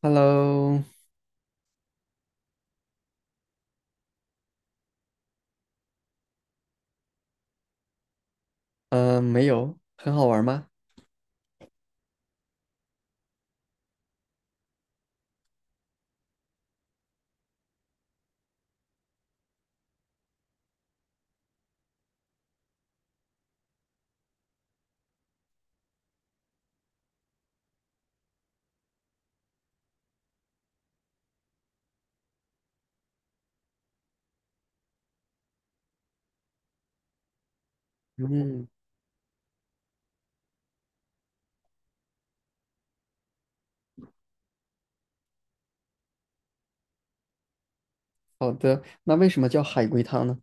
Hello。没有，很好玩吗？嗯，好的。那为什么叫海龟汤呢？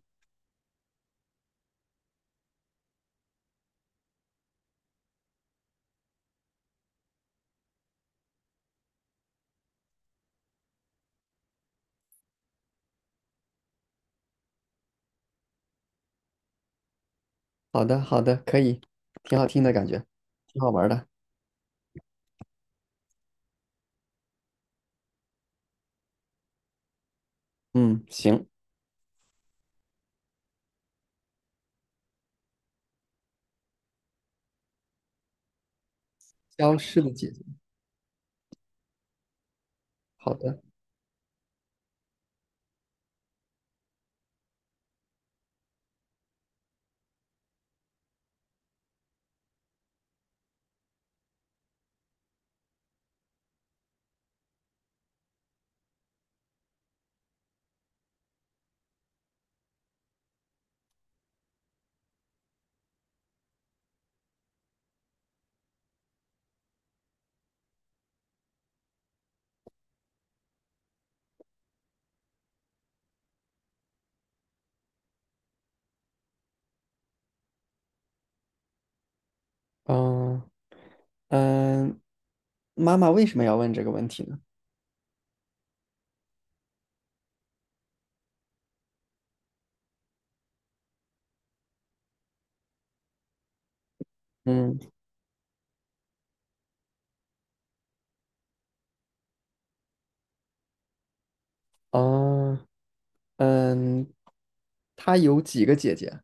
好的，好的，可以，挺好听的感觉，挺好玩的。嗯，行。消失的姐姐。好的。嗯嗯，妈妈为什么要问这个问题呢？嗯。哦。嗯，她有几个姐姐？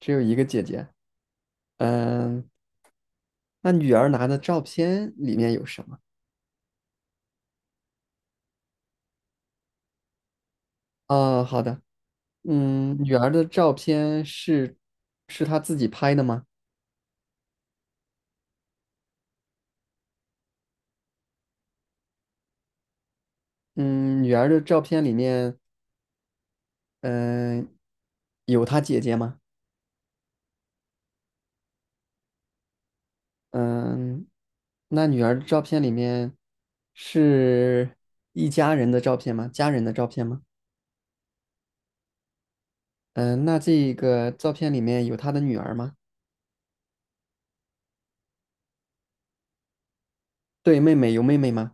只有一个姐姐。嗯，那女儿拿的照片里面有什么？哦，好的。嗯，女儿的照片是是她自己拍的吗？嗯，女儿的照片里面，嗯、有她姐姐吗？嗯，那女儿的照片里面是一家人的照片吗？家人的照片吗？嗯，那这个照片里面有她的女儿吗？对，妹妹有妹妹吗？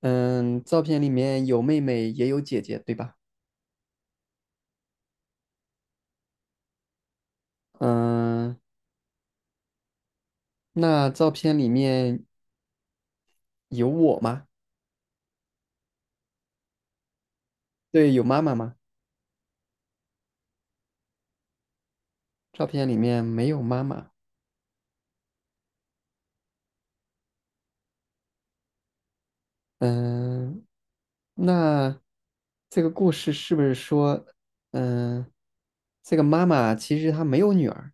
嗯，照片里面有妹妹也有姐姐，对吧？嗯，那照片里面有我吗？对，有妈妈吗？照片里面没有妈妈。嗯，那这个故事是不是说，嗯，这个妈妈其实她没有女儿？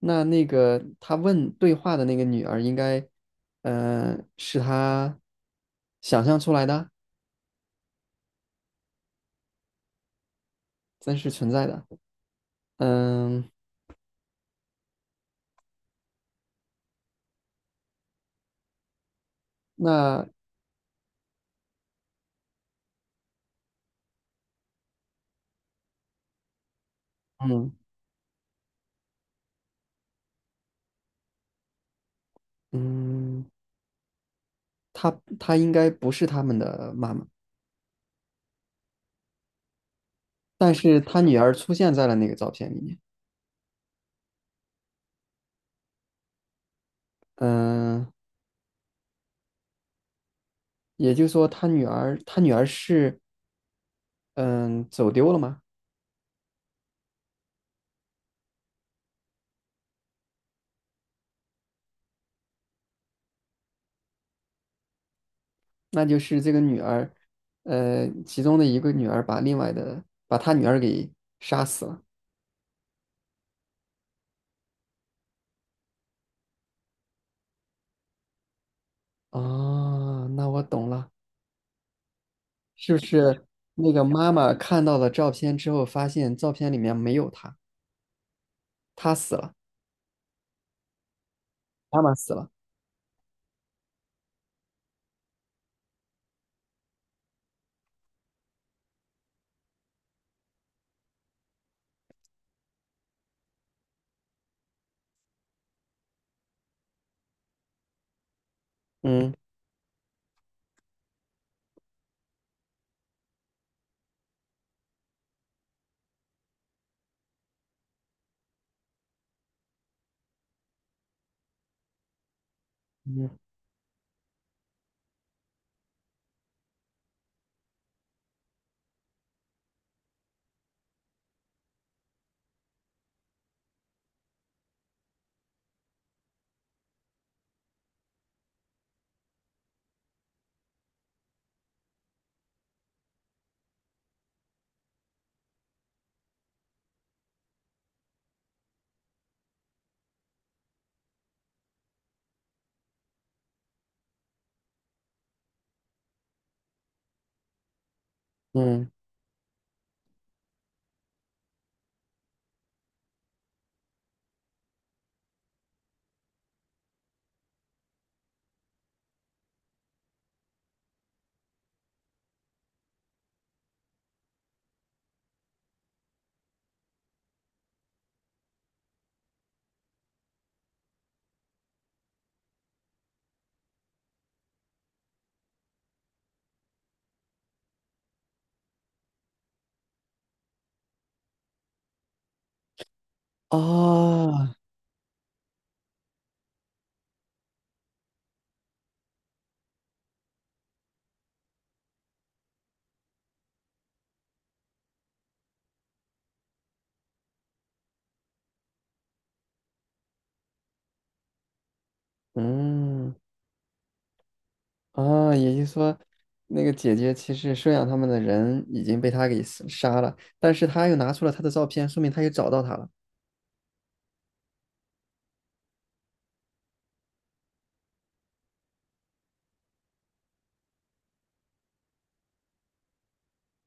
那那个她问对话的那个女儿，应该，嗯，是她想象出来的。真实存在的。嗯，那嗯。嗯，她她应该不是他们的妈妈，但是她女儿出现在了那个照片里面。嗯，也就是说，她女儿是。嗯，走丢了吗？那就是这个女儿，呃，其中的一个女儿把另外的把她女儿给杀死了。啊，那我懂了。是不是那个妈妈看到了照片之后，发现照片里面没有她，她死了，妈妈死了。嗯。嗯。嗯。啊。嗯。啊，也就是说，那个姐姐其实收养他们的人已经被他给死杀了，但是他又拿出了她的照片，说明他又找到她了。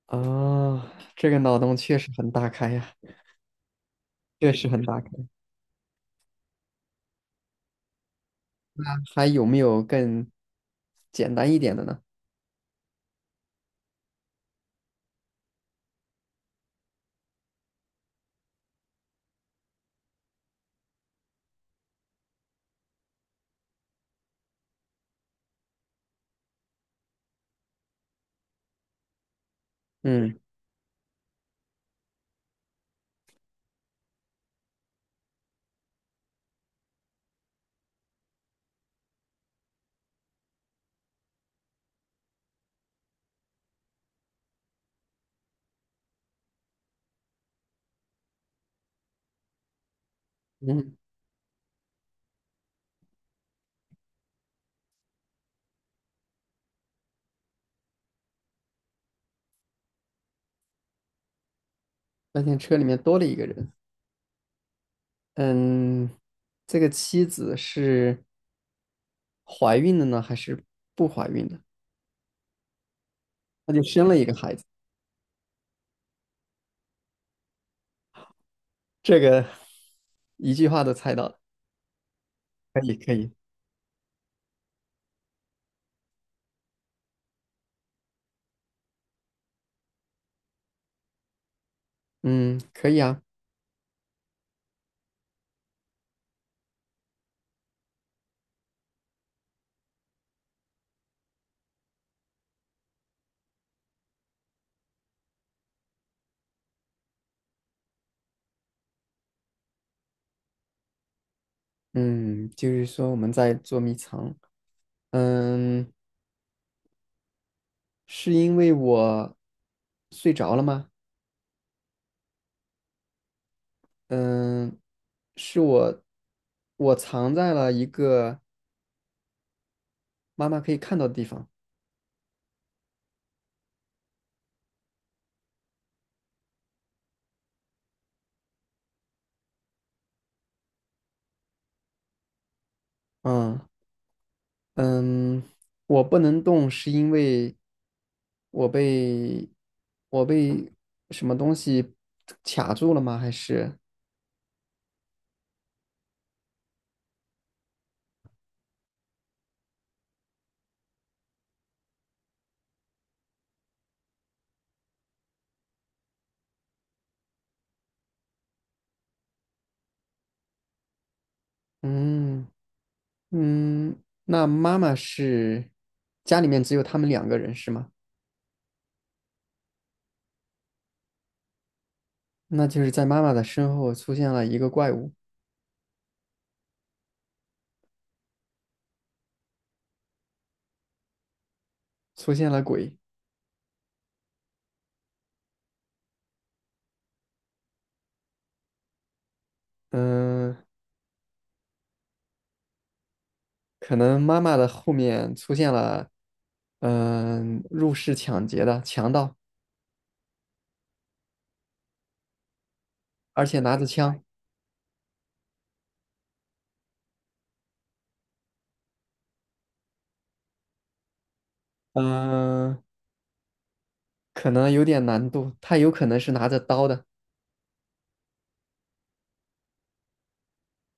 啊，这个脑洞确实很大开呀，确实很大开。还有没有更简单一点的呢？嗯。嗯，发现车里面多了一个人。嗯，这个妻子是怀孕的呢，还是不怀孕的？那就生了一个孩子。这个一句话都猜到了，可以可以，嗯，可以啊。嗯，就是说我们在捉迷藏。嗯，是因为我睡着了吗？嗯，是我藏在了一个妈妈可以看到的地方。嗯。嗯，我不能动是因为我被我被什么东西卡住了吗？还是嗯。嗯，那妈妈是家里面只有他们两个人是吗？那就是在妈妈的身后出现了一个怪物。出现了鬼。嗯，可能妈妈的后面出现了。入室抢劫的强盗，而且拿着枪。嗯、可能有点难度，他有可能是拿着刀的。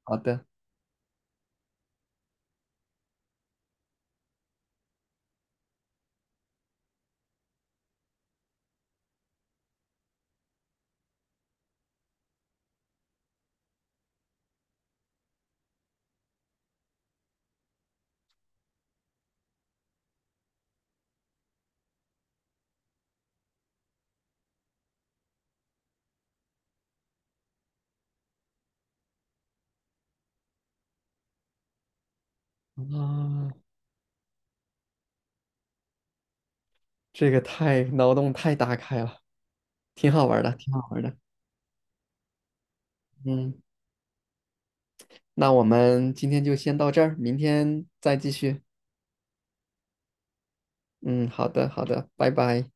好的。啊，这个太脑洞太大开了，挺好玩儿的，挺好玩儿的。嗯，那我们今天就先到这儿，明天再继续。嗯，好的，好的，拜拜。